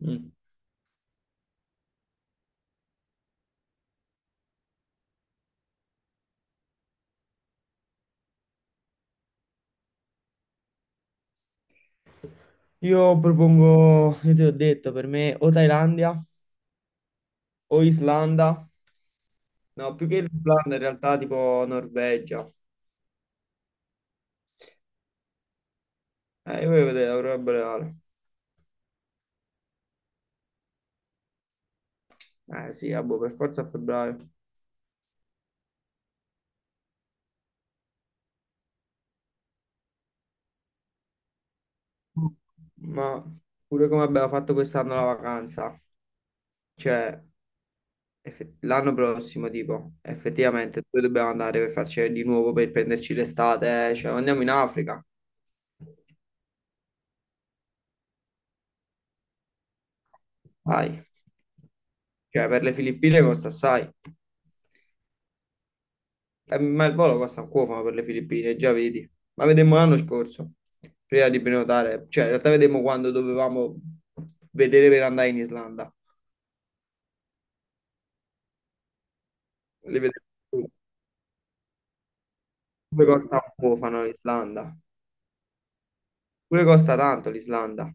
Mm. Io propongo, io ti ho detto, per me o Thailandia o Islanda. No, più che l'Islanda in realtà tipo Norvegia. Io voglio vedere l'aurora boreale. Eh sì, ah, boh, per forza a febbraio. Ma pure come abbiamo fatto quest'anno la vacanza, cioè l'anno prossimo tipo, effettivamente dove dobbiamo andare per farci di nuovo per prenderci l'estate? Eh? Cioè andiamo in Africa. Vai. Cioè, per le Filippine costa assai. Ma il volo costa un cuofano per le Filippine, già vedi. Ma vedemmo l'anno scorso, prima di prenotare. Cioè, in realtà vedemmo quando dovevamo vedere per andare in Islanda. Le vedemmo tutte. Pure costa un cuofano l'Islanda. Pure costa tanto l'Islanda.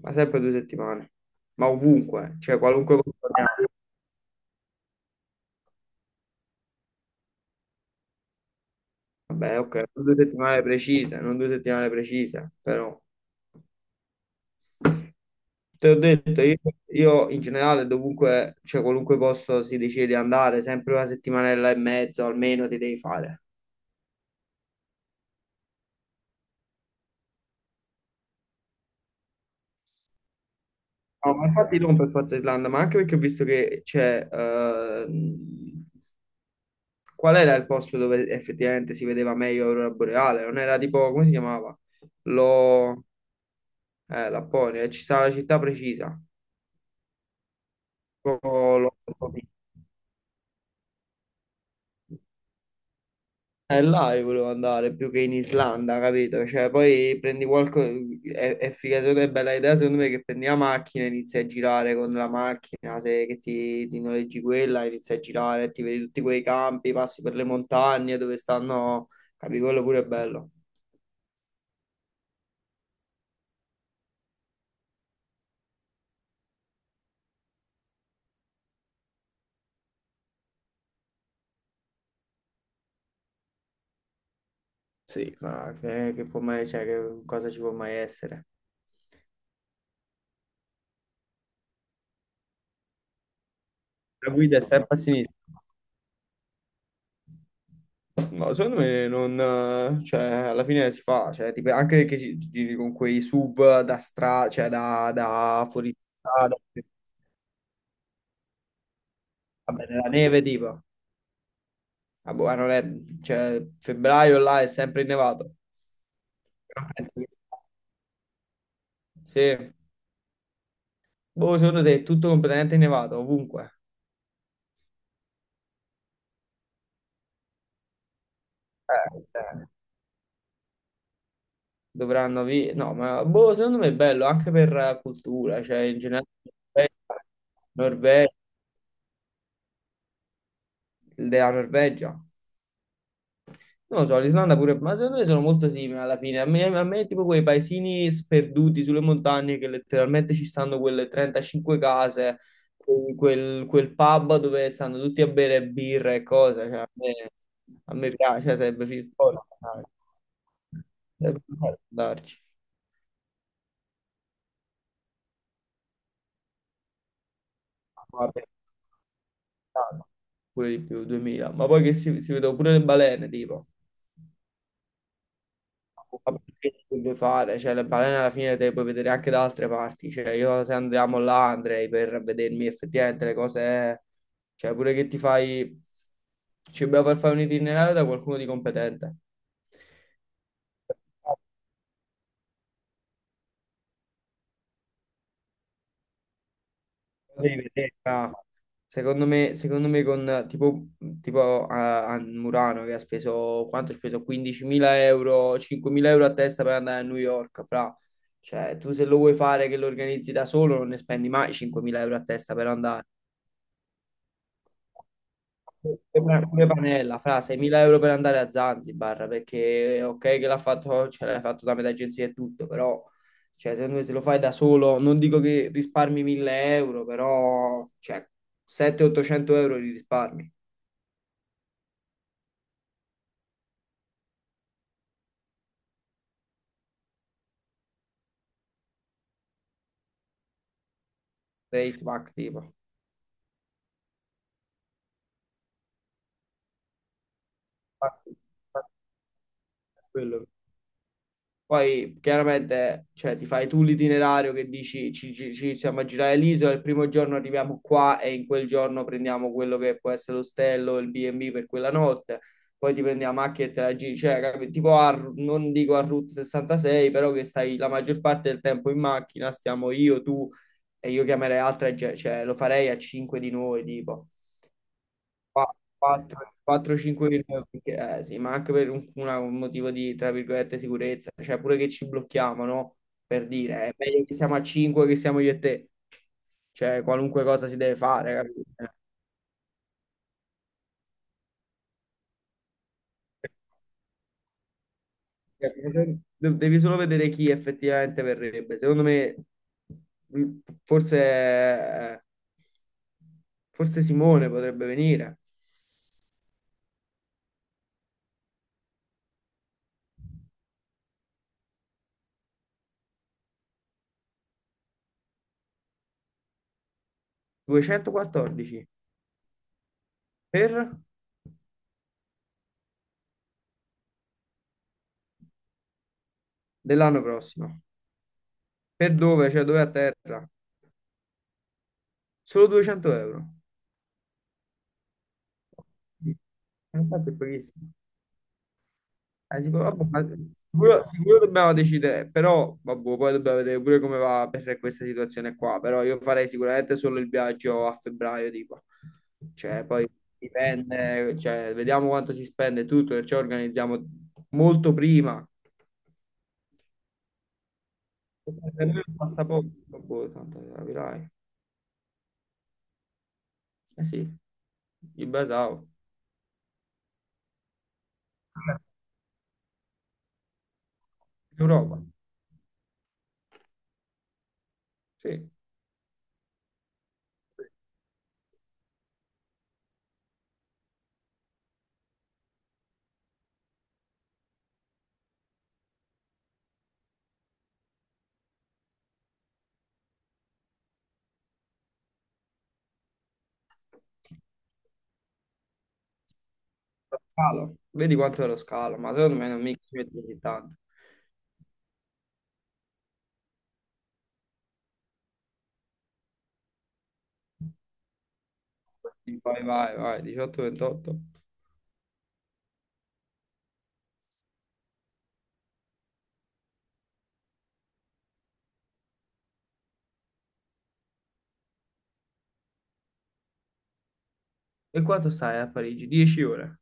Ma sempre 2 settimane. Ma ovunque, cioè qualunque posto andiamo. Vabbè, ok, non 2 settimane precise, non 2 settimane precise, però... Te ho detto, io in generale dovunque, cioè qualunque posto si decide di andare, sempre una settimanella e mezzo almeno ti devi fare. No, ma infatti non per forza Islanda, ma anche perché ho visto che c'è. Qual era il posto dove effettivamente si vedeva meglio l'aurora boreale? Non era tipo, come si chiamava? Lo... Lapponia, ci sta la città precisa. Lo- lo- là io volevo andare più che in Islanda, capito? Cioè, poi prendi qualche... È figato, è bella idea secondo me che prendi la macchina, inizi a girare con la macchina, se che ti noleggi quella, inizi a girare, ti vedi tutti quei campi, passi per le montagne dove stanno... Capi, quello pure è bello. Sì, ma che può mai... Cioè, che cosa ci può mai essere? La guida è sempre a sinistra. No, secondo me non, cioè, alla fine si fa, cioè, tipo, anche che ci giri con quei sub da stra, cioè, da fuori strada, vabbè, nella neve, tipo, ah, boh, ma non è, cioè, febbraio là è sempre innevato. Non penso che Sì, boh, secondo te è tutto completamente innevato, ovunque. Sì. Dovranno, vi... no, ma, boh, secondo me è bello, anche per cultura, cioè, in generale, Norvegia, della Norvegia. Non lo so, l'Islanda pure, ma secondo me sono molto simili alla fine. A me tipo quei paesini sperduti sulle montagne che letteralmente ci stanno quelle 35 case, quel pub dove stanno tutti a bere birra e cose. Cioè, a me piace, cioè, sarebbe figo andare. Sarebbe figo andarci. Vabbè, pure di più, 2000. Ma poi che si vedono pure le balene, tipo. Vabbè, che deve fare, cioè le balene alla fine te le puoi vedere anche da altre parti, cioè io se andiamo là andrei per vedermi effettivamente le cose, cioè pure che ti fai, ci dobbiamo per fare un itinerario da qualcuno di competente. Cosa di vedere, ah. Secondo me con tipo a Murano che ha speso, quanto ha speso? 15.000 euro, 5.000 euro a testa per andare a New York, fra. Cioè, tu se lo vuoi fare che lo organizzi da solo non ne spendi mai 5.000 euro a testa per andare. Sembra pure Panella, fra 6.000 euro per andare a Zanzibar, perché ok che l'ha fatto, ce l'hai fatto da metà agenzia e tutto, però cioè, secondo me se lo fai da solo, non dico che risparmi 1.000 euro, però cioè, 700-800 euro li risparmi. Rate, Mac, tipo. Quello, poi chiaramente cioè, ti fai tu l'itinerario che dici ci siamo a girare l'isola, il primo giorno arriviamo qua e in quel giorno prendiamo quello che può essere l'ostello, il B&B per quella notte, poi ti prendi la macchina e te la giri, cioè tipo non dico a Route 66, però che stai la maggior parte del tempo in macchina, stiamo io, tu e io chiamerei altra gente, cioè lo farei a 5 di noi tipo. 4-5 mila, perché, sì, ma anche per un motivo di, tra virgolette, sicurezza, cioè pure che ci blocchiamo, no? Per dire, è meglio che siamo a 5 che siamo io e te, cioè qualunque cosa si deve fare, capito? Devi solo vedere chi effettivamente verrebbe. Secondo me, mh, forse, forse Simone potrebbe venire. 214 per dell'anno prossimo. Per dove? Cioè dove a terra? Solo 200 euro. Sì. Infatti è pochissimo. Sicuro, vabbè, ma sicuro dobbiamo decidere, però vabbè, poi dobbiamo vedere pure come va per questa situazione qua. Però io farei sicuramente solo il viaggio a febbraio, tipo. Cioè, poi dipende, cioè, vediamo quanto si spende tutto, e ci organizziamo molto prima. Nemmeno il passaporto, boh, tanto capirai. Eh sì, il basao. Europa, sì. Scalo. Vedi quanto è lo scalo, ma secondo me non mica ci metti così tanto. Vai, vai, vai, 18-28. E quanto stai a Parigi? 10 ore.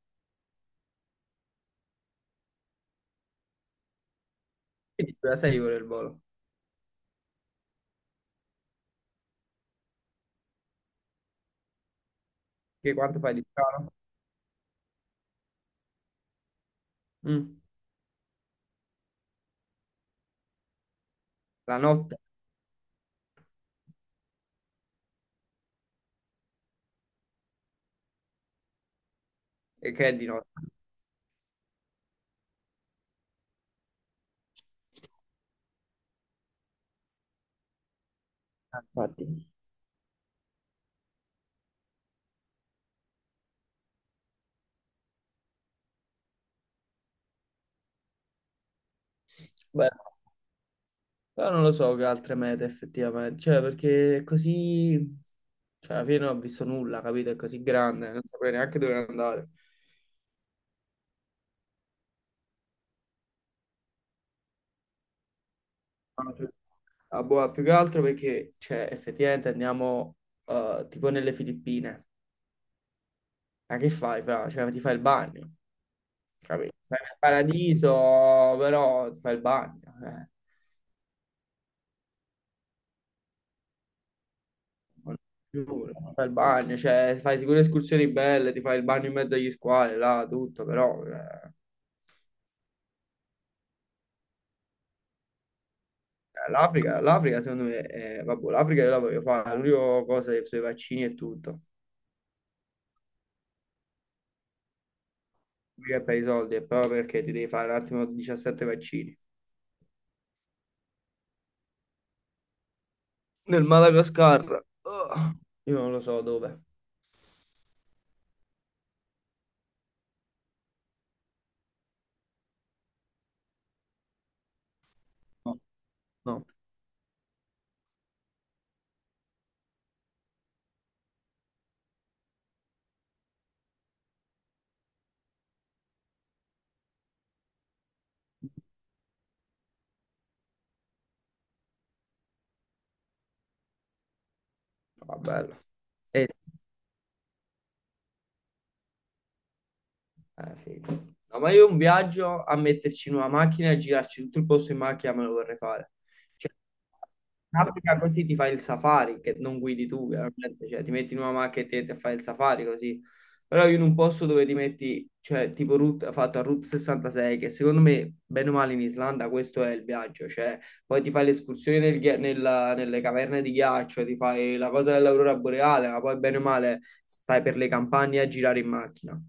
Quindi dura 6 ore il volo. Che quanto fai di scalo? Mm. La notte? E che è di notte? Ah, infatti. Beh, però non lo so che altre mete effettivamente. Cioè, perché è così... Cioè, alla fine non ho visto nulla, capito? È così grande, non saprei neanche dove andare. A Boa più che altro perché, cioè, effettivamente andiamo tipo nelle Filippine. Ma che fai, fra? Cioè, ti fai il bagno, capito? Stai nel paradiso, però ti fai il bagno, eh. Non- giuro, ti fai il bagno, cioè, fai sicure escursioni belle, ti fai il bagno in mezzo agli squali, là, tutto, però... l'Africa, l'Africa secondo me, vabbè, l'Africa io la voglio fare, l'unica cosa è sui vaccini e tutto. Mica è per i soldi, è proprio perché ti devi fare un attimo 17 vaccini. Nel Madagascar, oh, io non lo so dove. No, no. Va bello. Eh, figo. No, ma io un viaggio a metterci in una macchina e girarci tutto il posto in macchina me lo vorrei fare. Cioè, in Africa così ti fai il safari, che non guidi tu, chiaramente, cioè ti metti in una macchina e ti fai il safari così. Però io in un posto dove ti metti, cioè tipo route, fatto a Route 66, che secondo me, bene o male in Islanda, questo è il viaggio, cioè poi ti fai l'escursione nelle caverne di ghiaccio, ti fai la cosa dell'aurora boreale, ma poi bene o male stai per le campagne a girare in macchina.